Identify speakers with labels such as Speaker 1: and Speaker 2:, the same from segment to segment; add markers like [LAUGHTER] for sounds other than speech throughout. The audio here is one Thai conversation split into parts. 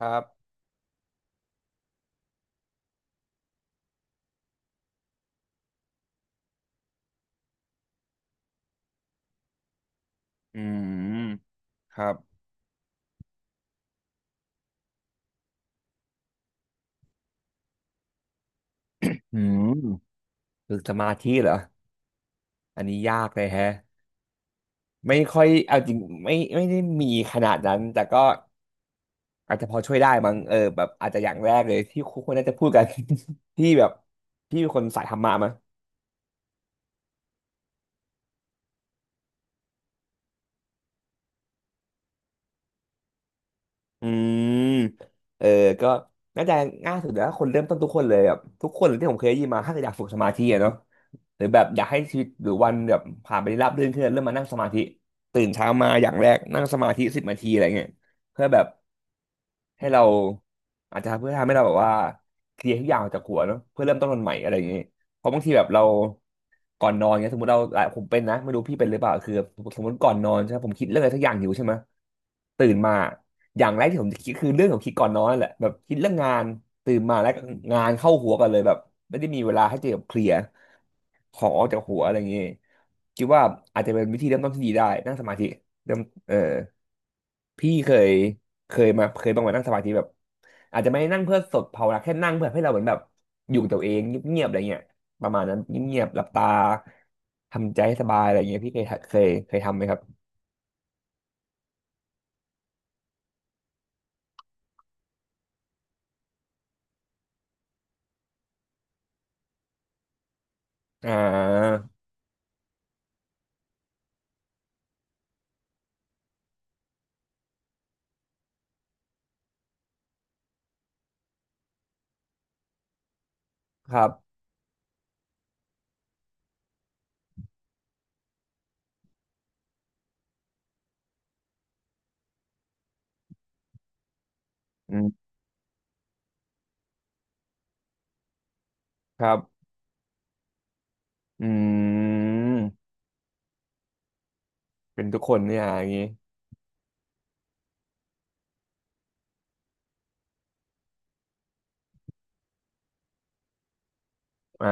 Speaker 1: ครับอืมครับอืมฝึกสมาธิเหรอ อันนี้ยากเลยแฮะ ไม่ค่อย เอาจริงไม่ได้มีขนาดนั้น แต่ก็อาจจะพอช่วยได้มั้งเออแบบอาจจะอย่างแรกเลยที่คุณควรน่าจะพูดกัน [LAUGHS] ที่แบบพี่เป็นคนสายธรรมะมั้ง อืมเออก็น่าจะง่ายสุดแล้วคนเริ่มต้นทุกคนเลยแบบทุกคนที่ผมเคยได้ยินมาถ้าเกิดอยากฝึกสมาธิอะเนาะหรือแบบอยากให้ชีวิตหรือวันแบบผ่านไปได้ราบรื่นขึ้นเริ่มมานั่งสมาธิตื่นเช้ามาอย่างแรกนั่งสมาธิสิบนาทีอะไรเงี้ยเพื่อแบบให้เราอาจจะเพื่อทำให้เราแบบว่าเคลียร์ทุกอย่างออกจากหัวเนาะเพื่อเริ่มต้นวันใหม่อะไรอย่างเงี้ยเพราะบางทีแบบเราก่อนนอนเงี้ยสมมติเราผมเป็นนะไม่รู้พี่เป็นหรือเปล่าคือสมมติก่อนนอนใช่ไหมผมคิดเรื่องอะไรสักอย่างอยู่ใช่ไหม ตื่นมาอย่างแรกที่ผมจะคิดคือเรื่องของคิดก่อนนอนนั่นแหละแบบคิดเรื่องงานตื่นมาแล้วก็งานเข้าหัวกันเลยแบบไม่ได้มีเวลาให้เจอกับเคลียร์ของออกจากหัวอะไรอย่างงี้คิดว่าอาจจะเป็นวิธีเริ่มต้นที่ดีได้นั่งสมาธิเริ่มเออพี่เคยบางวันนั่งสมาธิแบบอาจจะไม่ได้นั่งเพื่อสดภาวนาแค่นั่งเพื่อให้เราเหมือนแบบอยู่กับตัวเองเงียบๆอะไรเงี้ยประมาณนั้นเงียบๆหลับตาทำใจให้สบายอะไรเงี้ยพี่เคยทำไหมครับอ่าครับอื ครับอืมเป็นทุกคนเนี่ยอย่างนี้อ่า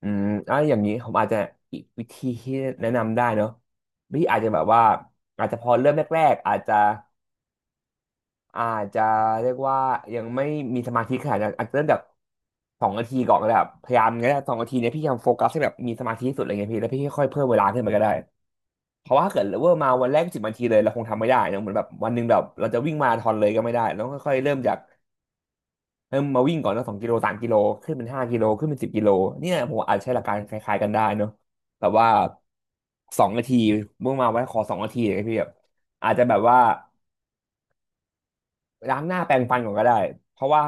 Speaker 1: อืมอ่ะอย่างนี้ผมอาจจะอีกวิธีที่แนะนำได้เนอะวิธีอาจจะแบบว่าอาจจะพอเริ่มแรกๆอาจจะเรียกว่ายังไม่มีสมาธิขนาดนั้นอาจจะเริ่มแบบสองนาทีก่อนก็ได้ครับพยายามงั้สองนาทีเนี้ยพี่พยายามโฟกัสให้แบบมีสมาธิที่สุดอะไรเงี้ยพี่แล้วพี่ค่อยๆเพิ่มเวลาขึ้นไปก็ได้เพราะว่าถ้าเกิดเวอร์มาวันแรกสิบนาทีเลยเราคงทำไม่ได้เนอะเหมือนแบบวันหนึ่งแบบเราจะวิ่งมาราธอนเลยก็ไม่ได้เราต้องค่อยๆเริ่มจาก เริ่มมาวิ่งก่อนแล้ว2 กิโล3 กิโลขึ้นเป็น5 กิโลขึ้นเป็น10 กิโลเนี่ยผมอาจใช้หลักการคล้ายๆกันได้เนอะแบบว่าสองนาทีเมื่อมาไว้ขอสองนาทีเลยพี่แบบอาจจะแบบว่าล้างหน้าแปรงฟันก่อนก็ได้เพราะว่า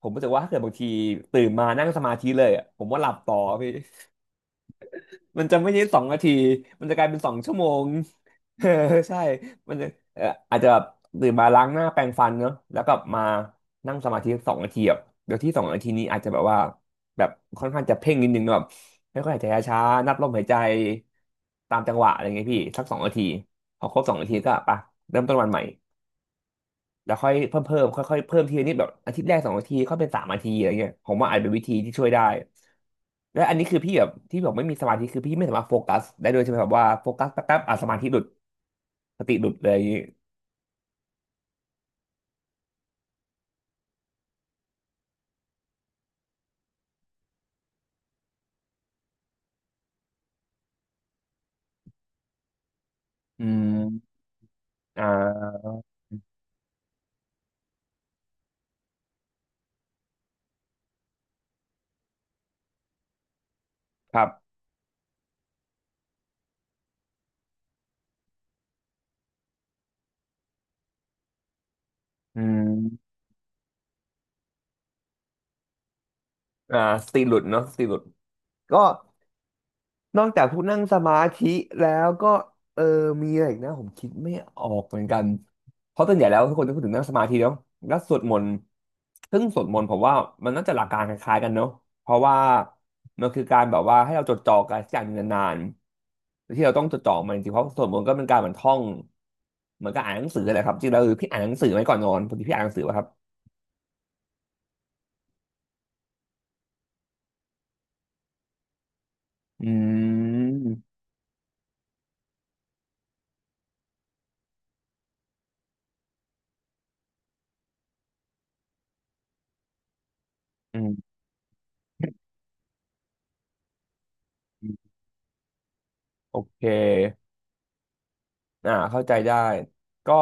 Speaker 1: ผมรู้สึกว่าถ้าเกิดบางทีตื่นมานั่งสมาธิเลยอะผมว่าหลับต่อพี่ มันจะไม่ใช่2 นาที มันจะกลายเป็น2 ชั่วโมง [LAUGHS] เออใช่มันจะเอ่ออาจจะแบบตื่นมาล้างหน้าแปรงฟันเนอะแล้วก็มานั่งสมาธิสองนาทีแบบเดี๋ยวที่สองนาทีนี้อาจจะแบบว่าแบบค่อนข้างจะเพ่งนิดนึงเนอะแบบไม่ค่อยหายใจช้าๆนับลมหายใจ ตามจังหวะอะไรเงี้ยพี่ สักสองนาทีพอครบ2 นาทีก็ไปเริ่มต้นวันใหม่ แล้วค่อยเพิ่มค่อยๆเพิ่มทีละนิดแบบอาทิตย์แรก2 อาทิตย์ค่อยเป็น3 อาทิตย์อะไรเงี้ยผมว่าอาจเป็นวิธีที่ช่วยได้และอันนี้คือพี่แบบที่บอกไม่มีสมาธิคือพี่ไม่สามารถโฟกัสได้ด้วยใช่ไหมแบบว่าโฟกัสแป๊บๆอ่ะสมาธิหลุดสติหลุดเลยอย่างงี้อืมอ่าครับอืมอ่าสติหลุดเนาะสติหลุดก็ นอกจากพวกนั่งสมาธิแล้วก็เออมีอะไรอีกนะผมคิดไม่ออกเหมือนกันเพราะส่วนใหญ่แล้วทุกคนจะพูดถึงนั่งสมาธิเนาะแล้วสวดมนต์ซึ่งสวดมนต์ผมว่ามันน่าจะหลักการคล้ายๆกันเนาะเพราะว่ามันคือการแบบว่าให้เราจดจ่อกับสิ่งอย่างหนึ่งนานๆที่เราต้องจดจ่อมันจริงๆเพราะสวดมนต์ก็เป็นการเหมือนท่องเหมือนกับอ่านหนังสือแหละครับจริงๆแล้วคือพี่อ่านหนังสือไหมก่อนนอนพอดีพี่อ่านหนังสือป่ะครับอืมอืมโอเคอ่าเข้าใจได้ก็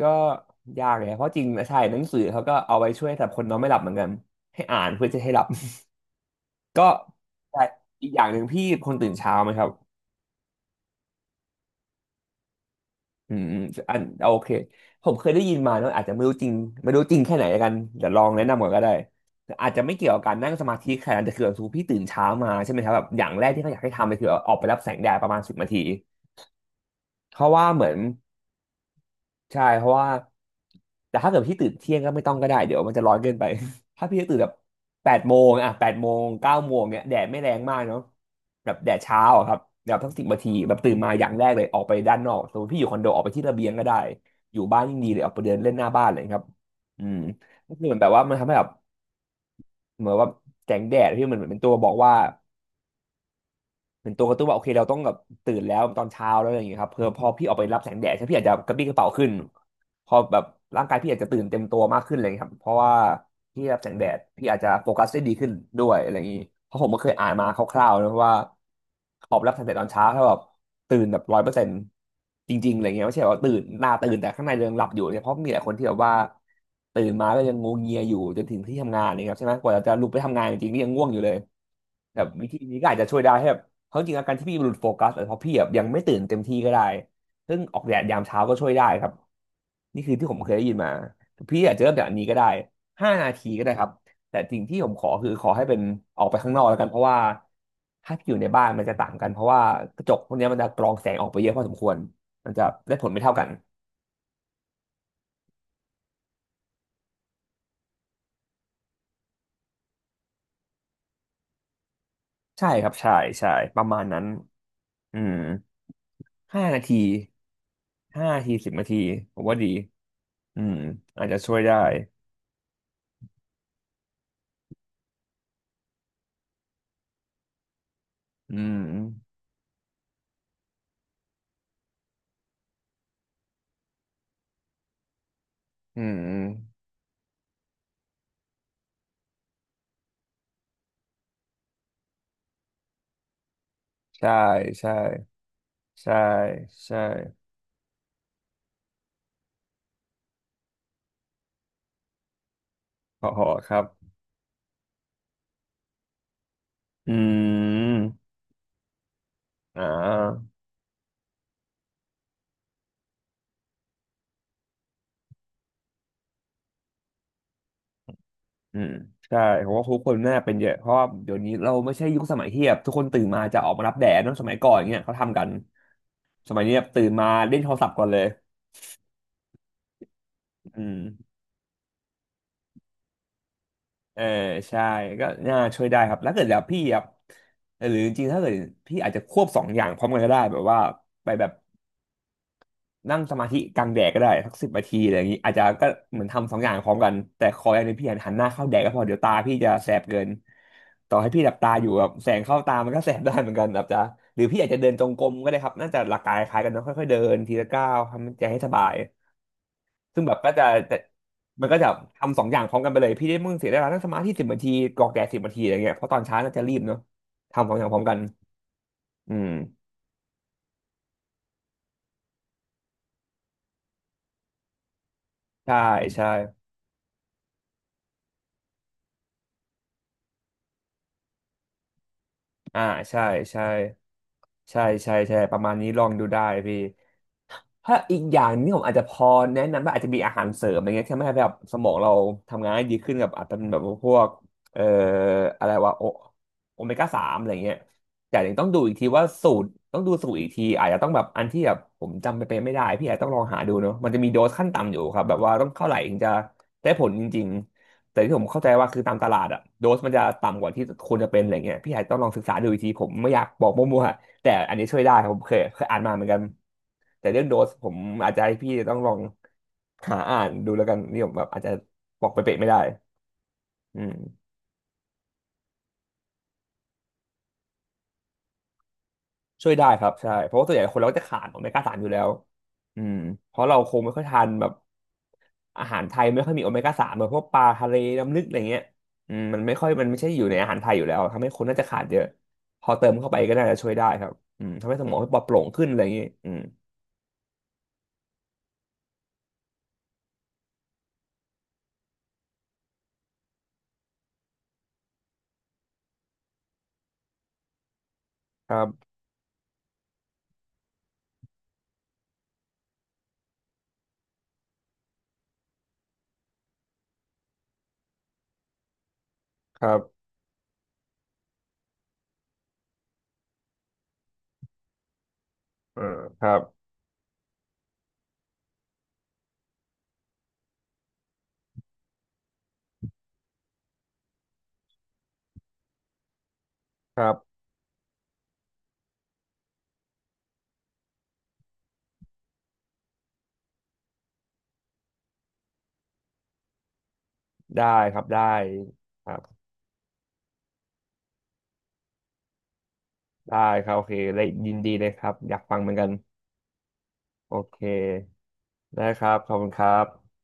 Speaker 1: ก็ยากเลยนะเพราะจริงใช่หนังสือเขาก็เอาไว้ช่วยสำหรับคนนอนไม่หลับเหมือนกันให้อ่านเพื่อจะให้หลับ [LAUGHS] ก็แต่อีกอย่างหนึ่งพี่คนตื่นเช้าไหมครับอืมอมอันโอเคผมเคยได้ยินมาเนอะอาจจะไม่รู้จริงไม่รู้จริงแค่ไหนแล้วกันเดี๋ยวลองแนะนำก่อนก็ได้อาจจะไม่เกี่ยวกับการนั่งสมาธิขนาดนั้นแต่คือแบบสมมติพี่ตื่นเช้ามาใช่ไหมครับแบบอย่างแรกที่เขาอยากให้ทำเลยคือออกไปรับแสงแดดประมาณสิบนาทีเพราะว่าเหมือน ใช่เพราะว่าแต่ถ้าเกิดพี่ตื่นเที่ยงก็ไม่ต้องก็ได้เดี๋ยวมันจะร้อนเกินไป [LAUGHS] ถ้าพี่จะตื่นแบบ8 โมงอ่ะแปดโมง9 โมงเนี้ยแดดไม่แรงมากเนาะแบบแดดเช้าอะครับแบบสักสิบนาทีแบบตื่นมาอย่างแรกเลยออกไปด้านนอกสมมติพี่อยู่คอนโดออกไปที่ระเบียงก็ได้อยู่บ้านยิ่งดีเลยออกไปเดินเล่นหน้าบ้านเลยครับอืมก็คือเหมือนแบบว่ามันทำให้แบบเหมือนว่าแสงแดดที่มันเหมือนเป็นตัวบอกว่า เป็นตัวกระตุ้นว่าโอเคเราต้องแบบตื่นแล้วตอนเช้าแล้วอะไรอย่างเงี้ยครับเพื่อพอพี่ออกไปรับแสงแดดใช่ไหมพี่อาจจะกระปรี้กระเปร่าขึ้นพอแบบร่างกายพี่อาจจะตื่นเต็มตัวมากขึ้นอะไรอย่างเลยครับเพราะว่าพี่รับแสงแดดพี่อาจจะโฟกัสได้ดีขึ้นด้วยอะไรอย่างงี้เพราะผมก็เคยอ่านมาคร่าวๆนะว่าออกไปรับแสงแดดตอนเช้าถ้าแบบตื่นแบบ100%จริงๆอะไรเงี้ยไม่ใช่ว่าตื่นหน้าตื่นแต่ข้างในเรายังหลับอยู่เนี่ยเพราะมีหลายคนที่แบบว่าตื่นมาก็ยังงวงเงียอยู่จนถึงที่ทำงานเนี่ยครับใช่ไหมกว่าจะลุกไปทำงานจริงๆนี่ยังง่วงอยู่เลยแบบวิธีนี้ก็อาจจะช่วยได้ให้แบบ เพราะจริงๆอาการที่พี่หลุดโฟกัสอาจจะเพราะพี่แบบยังไม่ตื่นเต็มที่ก็ได้ซึ่งออกแดดยามเช้าก็ช่วยได้ครับนี่คือที่ผมเคยได้ยินมาพี่อาจจะเริ่มจากอันนี้ก็ได้ห้านาทีก็ได้ครับแต่สิ่งที่ผมขอคือขอให้เป็นออกไปข้างนอกแล้วกันเพราะว่าถ้าพี่อยู่ในบ้านมันจะต่างกันเพราะว่ากระจกพวกเนี้ยมันจะกรองแสงออกไปเยอะพอสมควรมันจะได้ผลไม่เท่ากันใช่ครับใช่ใช่ประมาณนั้นอืมห้านาทีสิบนาทีผมว่าดีอืมอาจจะช่วยได้อืม อืมใช่ใช่ใช่ใช่หอหอครับอืมอ่าอืมใช่ผมว่าทุกคนน่าเป็นเยอะเพราะว่าเดี๋ยวนี้เราไม่ใช่ยุคสมัยที่แบบทุกคนตื่นมาจะออกมารับแดดเนอะสมัยก่อนเงี้ยเขาทำกันสมัยนี้แบบตื่นมาเล่นโทรศัพท์ก่อนเลยอืมเออใช่ก็น่าช่วยได้ครับแล้วเกิดแบบพี่ครับหรือจริงๆถ้าเกิดพี่อาจจะควบสองอย่างพร้อมกันก็ได้แบบว่าไปแบบ นั่งสมาธิกลางแดดก็ได้สักสิบนาทีอะไรอย่างนี้อาจจะก็เหมือนทำสองอย่างพร้อมกันแต่ขออย่างหนึงพี่หันหน้าเข้าแดดก็พอเดี๋ยวตาพี่จะแสบเกินต่อให้พี่หลับตาอยู่แบบแสงเข้าตามันก็แสบได้เหมือนกันแบบจะหรือพี่อาจจะเดินจงกรมก็ได้ครับน่าจะหลักการคล้ายกันเนอะค่อยๆเดินทีละก้าวทำใจให้สบายซึ่งแบบก็จะจะมันก็จะทำสองอย่างพร้อมกันไปเลยพี่ได้มึงเสียเวลานั่งสมาธิสิบนาทีกรอกแดดสิบนาทีอะไรเงี้ยเพราะตอนเช้าน่าจะรีบเนาะทำสองอย่างพร้อมกันอืมใช่ใช่อ่าใช่ใช่ ใช่ใช่ใช่ประมาณนี้ลองดูได้พี่ ถ้าอีกอย่างนี่ผมอาจจะพอแนะนำว่าอาจจะมีอาหารเสริมอะไรเงี้ยที่ทำให้แบบสมองเราทำงานได้ดีขึ้นกับอาจจะเป็นแบบพวกเอ่ออะไรวะโอโอเมก้าสามอะไรเงี้ยแต่เดี๋ยวต้องดูอีกทีว่าสูตรต้องดูสูตรอีกทีอาจจะต้องแบบอันที่แบบผมจำไปเป็นไม่ได้พี่อาจจะต้องลองหาดูเนาะมันจะมีโดสขั้นต่ำอยู่ครับแบบว่าต้องเท่าไหร่ถึงจะได้ผลจริงๆแต่ที่ผมเข้าใจว่าคือตามตลาดอะโดสมันจะต่ำกว่าที่ควรจะเป็นอะไรเงี้ยพี่อาจจะต้องลองศึกษาดูอีกทีผมไม่อยากบอกมั่วๆแต่อันนี้ช่วยได้ผมเคยอ่านมาเหมือนกัน แต่เรื่องโดสผมอาจจะให้พี่ต้องลองหาอ่านดูแล้วกันนี่ผมแบบอาจจะบอกไปเป๊ะๆไม่ได้อืมช่วยได้ครับใช่เพราะว่าส่วนใหญ่คนเราก็จะขาดโอเมก้าสามอยู่แล้วอืมเพราะเราคงไม่ค่อยทานแบบอาหารไทยไม่ค่อยมีโอเมก้าสามแบบพวกปลาทะเลน้ำลึกอะไรเงี้ยอืมมันไม่ค่อยมันไม่ใช่อยู่ในอาหารไทยอยู่แล้วทำให้คนน่าจะขาดเยอะพอเติมเข้าไปก็น่าจะช่วยได้ครับอืมทำให้สมองปลอดโปร่งขึ้นอะไรอย่างนี้อืมครับครับเออครับครับได้ครับได้ครับ ได้ครับโอเคเลยยินดีเลยครับอยากฟังเหมือนกันโอเคได้ครับขอบคุณครับ